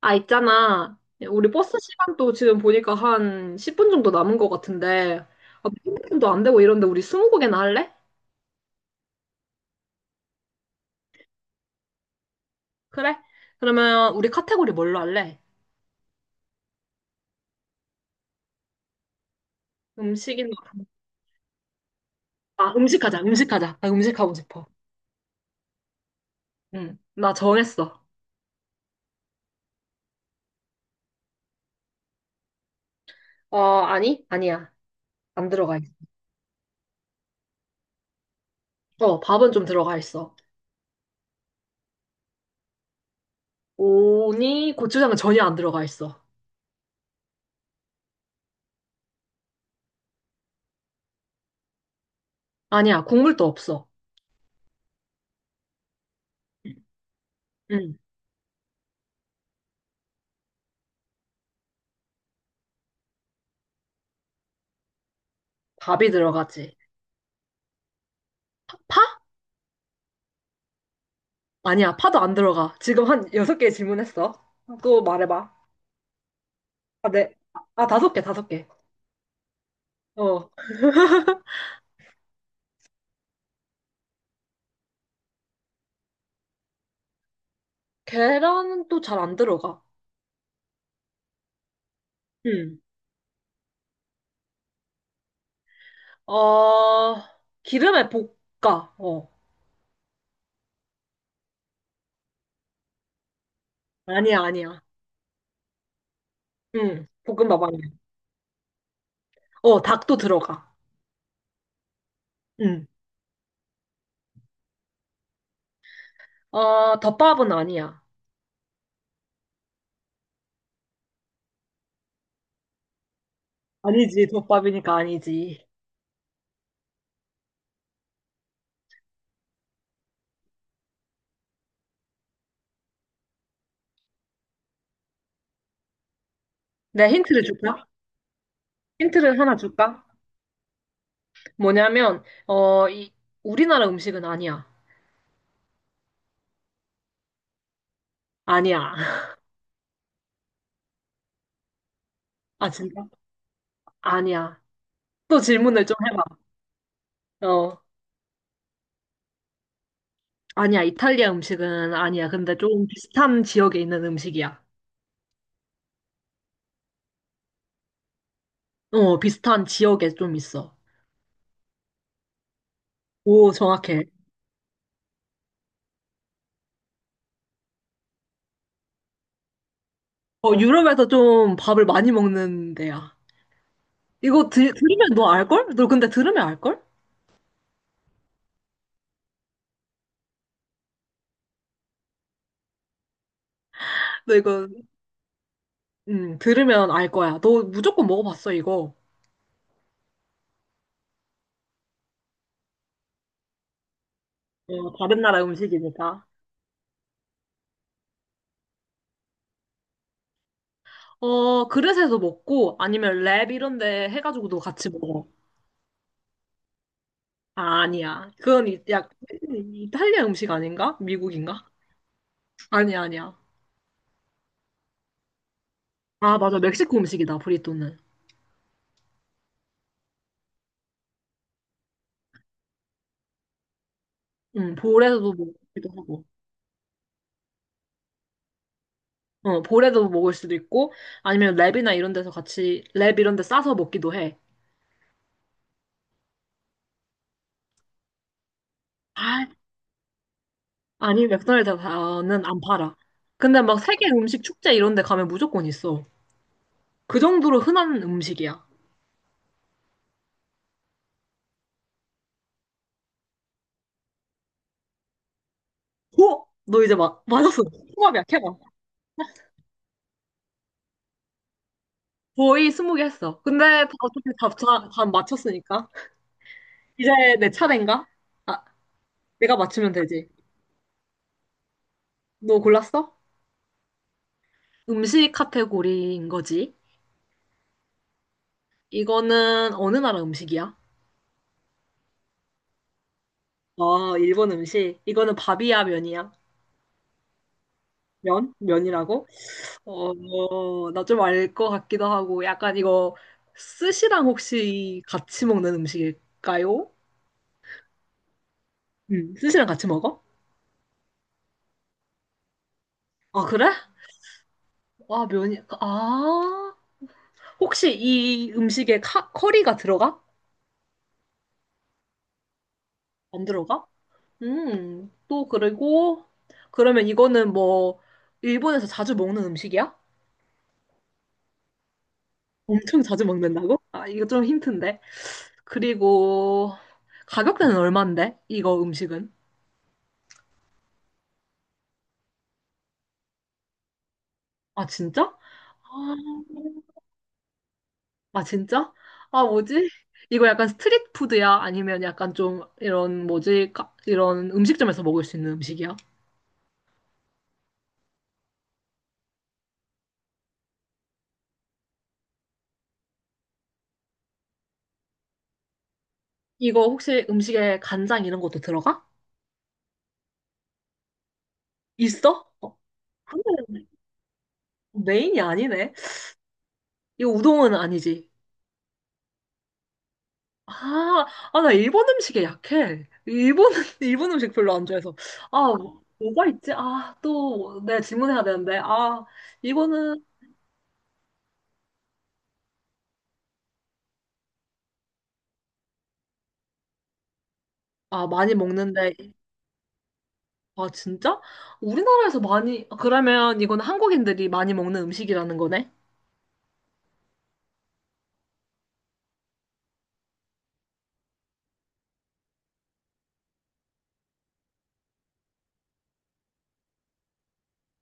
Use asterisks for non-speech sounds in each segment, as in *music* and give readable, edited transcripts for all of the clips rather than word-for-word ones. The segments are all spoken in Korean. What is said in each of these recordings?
아, 있잖아. 우리 버스 시간도 지금 보니까 한 10분 정도 남은 것 같은데, 아, 분도 안 되고 이런데 우리 20곡이나 할래? 그래? 그러면 우리 카테고리 뭘로 할래? 음식이나, 아, 음식하자, 음식하자. 나 음식하고 싶어. 응, 나 정했어. 어, 아니? 아니야. 안 들어가 있어. 어, 밥은 좀 들어가 있어. 오니 고추장은 전혀 안 들어가 있어. 아니야, 국물도 없어. 응, 밥이 들어가지. 파? 아니야, 파도 안 들어가. 지금 한 여섯 개 질문했어. 또 말해봐. 아, 네. 아, 다섯 개, 다섯 개. 어. 계란은 또 잘 안 들어가. 응. 어, 기름에 볶아. 어. 아니야, 아니야. 응. 볶음밥 아니야. 어, 닭도 들어가. 응. 어, 덮밥은 아니야. 아니지, 덮밥이니까 아니지. 내 힌트를 줄까? 힌트를 하나 줄까? 뭐냐면, 어, 이, 우리나라 음식은 아니야. 아니야. *laughs* 아, 진짜? 아니야. 또 질문을 좀 해봐. 어, 아니야. 이탈리아 음식은 아니야. 근데 좀 비슷한 지역에 있는 음식이야. 어, 비슷한 지역에 좀 있어. 오, 정확해. 어, 유럽에서 좀 밥을 많이 먹는 데야. 이거 들으면 너 알걸? 너 근데 들으면 알걸? 너 이거, 들으면 알 거야. 너 무조건 먹어봤어, 이거. 어, 다른 나라 음식이니까. 어, 그릇에서 먹고, 아니면 랩 이런 데 해가지고도 같이 먹어. 아, 아니야. 그건 이탈리아 음식 아닌가? 미국인가? 아니야, 아니야. 아, 맞아. 멕시코 음식이다, 브리또는. 응, 볼에서도 먹기도 하고. 어, 볼에도 먹을 수도 있고, 아니면 랩이나 이런 데서 같이, 랩 이런 데 싸서 먹기도 해. 아, 아니, 맥도날드는 안 팔아. 근데 막 세계 음식 축제 이런 데 가면 무조건 있어. 그 정도로 흔한 음식이야. 오! 너 이제 막, 맞았어. 통합이야, 케밥. 거의 스무 개 했어. 근데 다 어차피 답다 맞췄으니까. 이제 내 차례인가? 아, 내가 맞추면 되지. 너 골랐어? 음식 카테고리인 거지. 이거는 어느 나라 음식이야? 아, 일본 음식. 이거는 밥이야, 면이야? 면? 면이라고? 어, 나 좀 알 것 같기도 하고, 약간 이거 스시랑 혹시 같이 먹는 음식일까요? 스시랑 같이 먹어? 아, 그래? 아, 면이, 아. 혹시 이 음식에 커리가 들어가? 안 들어가? 또 그리고, 그러면 이거는 뭐, 일본에서 자주 먹는 음식이야? 엄청 자주 먹는다고? 아, 이거 좀 힌트인데. 그리고 가격대는 얼만데? 이거 음식은? 아, 진짜? 아, 아, 진짜? 아, 뭐지? 이거 약간 스트릿 푸드야? 아니면 약간 좀 이런 뭐지? 이런 음식점에서 먹을 수 있는 음식이야? 이거 혹시 음식에 간장 이런 것도 들어가? 있어? 어, 근데 메인이 아니네. 이거 우동은 아니지. 아, 아, 나 일본 음식에 약해. 일본, *laughs* 일본 음식 별로 안 좋아해서. 아, 뭐가 있지? 아, 또 내가 질문해야 되는데. 아, 이거는 아, 많이 먹는데, 아, 진짜? 우리나라에서 많이, 아, 그러면 이건 한국인들이 많이 먹는 음식이라는 거네?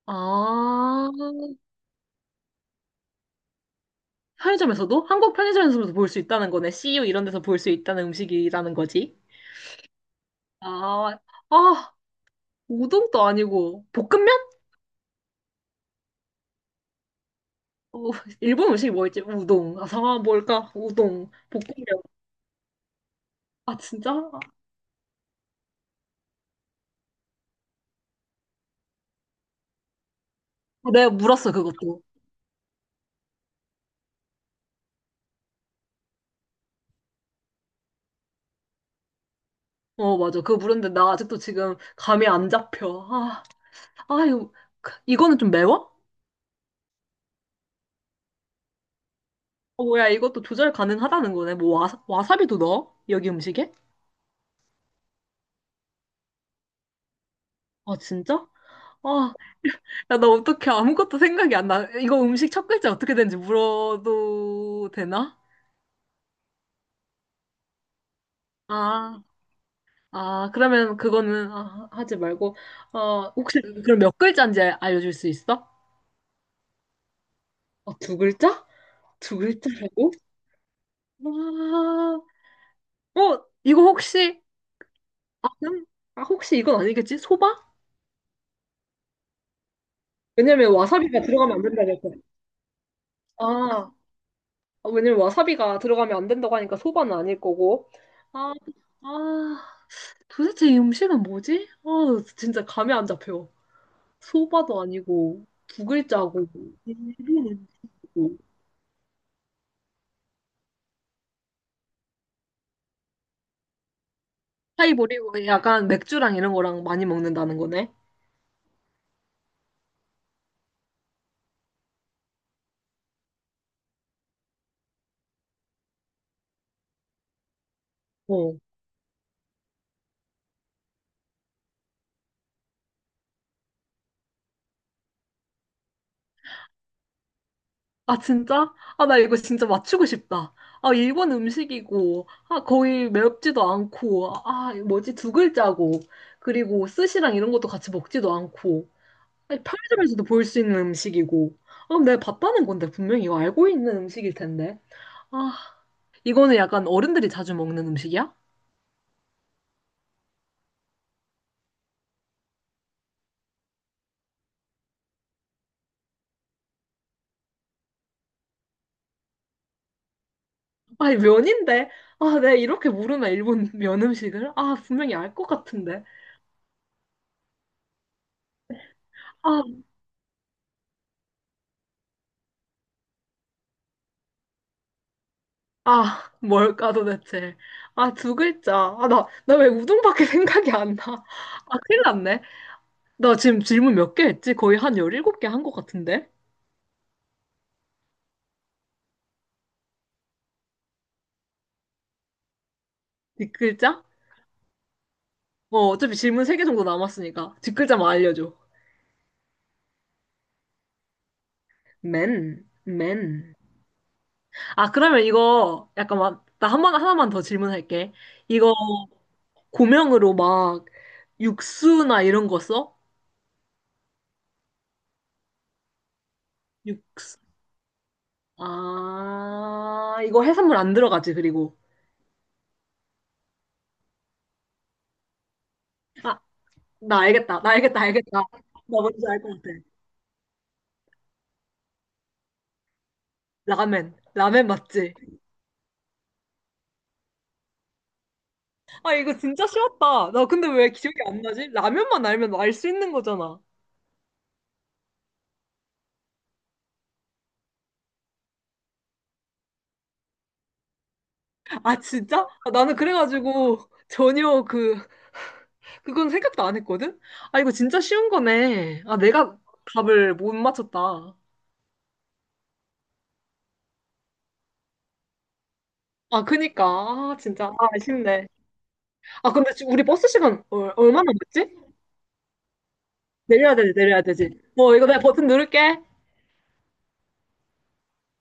아, 편의점에서도? 한국 편의점에서도 볼 수 있다는 거네. CU 이런 데서 볼 수 있다는 음식이라는 거지. 아, 아, 우동도 아니고, 볶음면? 어, 일본 음식이 뭐였지? 우동. 아, 상황 뭘까? 우동, 볶음면. 아, 진짜? 아, 내가 물었어, 그것도. 어, 맞아. 그거 물었는데 나 아직도 지금 감이 안 잡혀. 아, 아, 이거, 이거는 좀 매워? 어, 뭐야, 이것도 조절 가능하다는 거네. 뭐, 와사비도 넣어? 여기 음식에? 아, 진짜? 아, 야, 나 어떡해. 아무것도 생각이 안 나. 이거 음식 첫 글자 어떻게 되는지 물어도 되나? 아, 아, 그러면 그거는 아, 하지 말고. 어, 혹시 그럼 몇 글자인지 알려줄 수 있어? 어, 두 글자? 두 글자라고? 와, 어, 이거 혹시, 아, 아, 혹시 이건 아니겠지? 소바? 왜냐면 와사비가 들어가면 안 된다니까. 아, 아, 왜냐면 와사비가 들어가면 안 된다고 하니까 소바는 아닐 거고. 아, 아, 도대체 이 음식은 뭐지? 아, 진짜 감이 안 잡혀. 소바도 아니고, 두 글자고, 일본이고. 하이볼이고, 약간 맥주랑 이런 거랑 많이 먹는다는 거네. 어. 아, 진짜? 아, 나 이거 진짜 맞추고 싶다. 아, 일본 음식이고, 아, 거의 매럽지도 않고, 아, 뭐지? 두 글자고, 그리고 스시랑 이런 것도 같이 먹지도 않고. 아니, 편의점에서도 볼 수 있는 음식이고. 아, 내가 봤다는 건데, 분명히 이거 알고 있는 음식일 텐데. 아, 이거는 약간 어른들이 자주 먹는 음식이야? 아니, 면인데? 아, 내가 이렇게 물으면 일본 *laughs* 면 음식을? 아, 분명히 알 것 같은데. 아, 아, 뭘까 도대체. 아, 두 글자. 아, 나 왜 우동밖에 *laughs* 생각이 안 나. 아, 큰일 났네. 나 지금 질문 몇 개 했지? 거의 한 17개 한 것 같은데? 뒷글자? 어, 어차피 질문 3개 정도 남았으니까. 뒷글자만 알려줘. 맨, 맨. 아, 그러면 이거 약간 막, 나 한 번, 하나만 더 질문할게. 이거 고명으로 막 육수나 이런 거 써? 육수. 아, 이거 해산물 안 들어가지, 그리고. 아, 나 알겠다. 나 알겠다, 알겠다. 나 뭔지 알 것 같아. 라멘. 라멘 맞지? 아, 이거 진짜 쉬웠다. 나 근데 왜 기억이 안 나지? 라면만 알면 알 수 있는 거잖아. 아, 진짜? 아, 나는 그래가지고 전혀 그건 생각도 안 했거든? 아, 이거 진짜 쉬운 거네. 아, 내가 답을 못 맞췄다. 아, 그니까. 아, 진짜. 아, 아쉽네. 아, 근데 지금 우리 버스 시간 얼, 마나 남았지? 내려야 되지, 내려야 되지. 어, 이거 내가 버튼 누를게.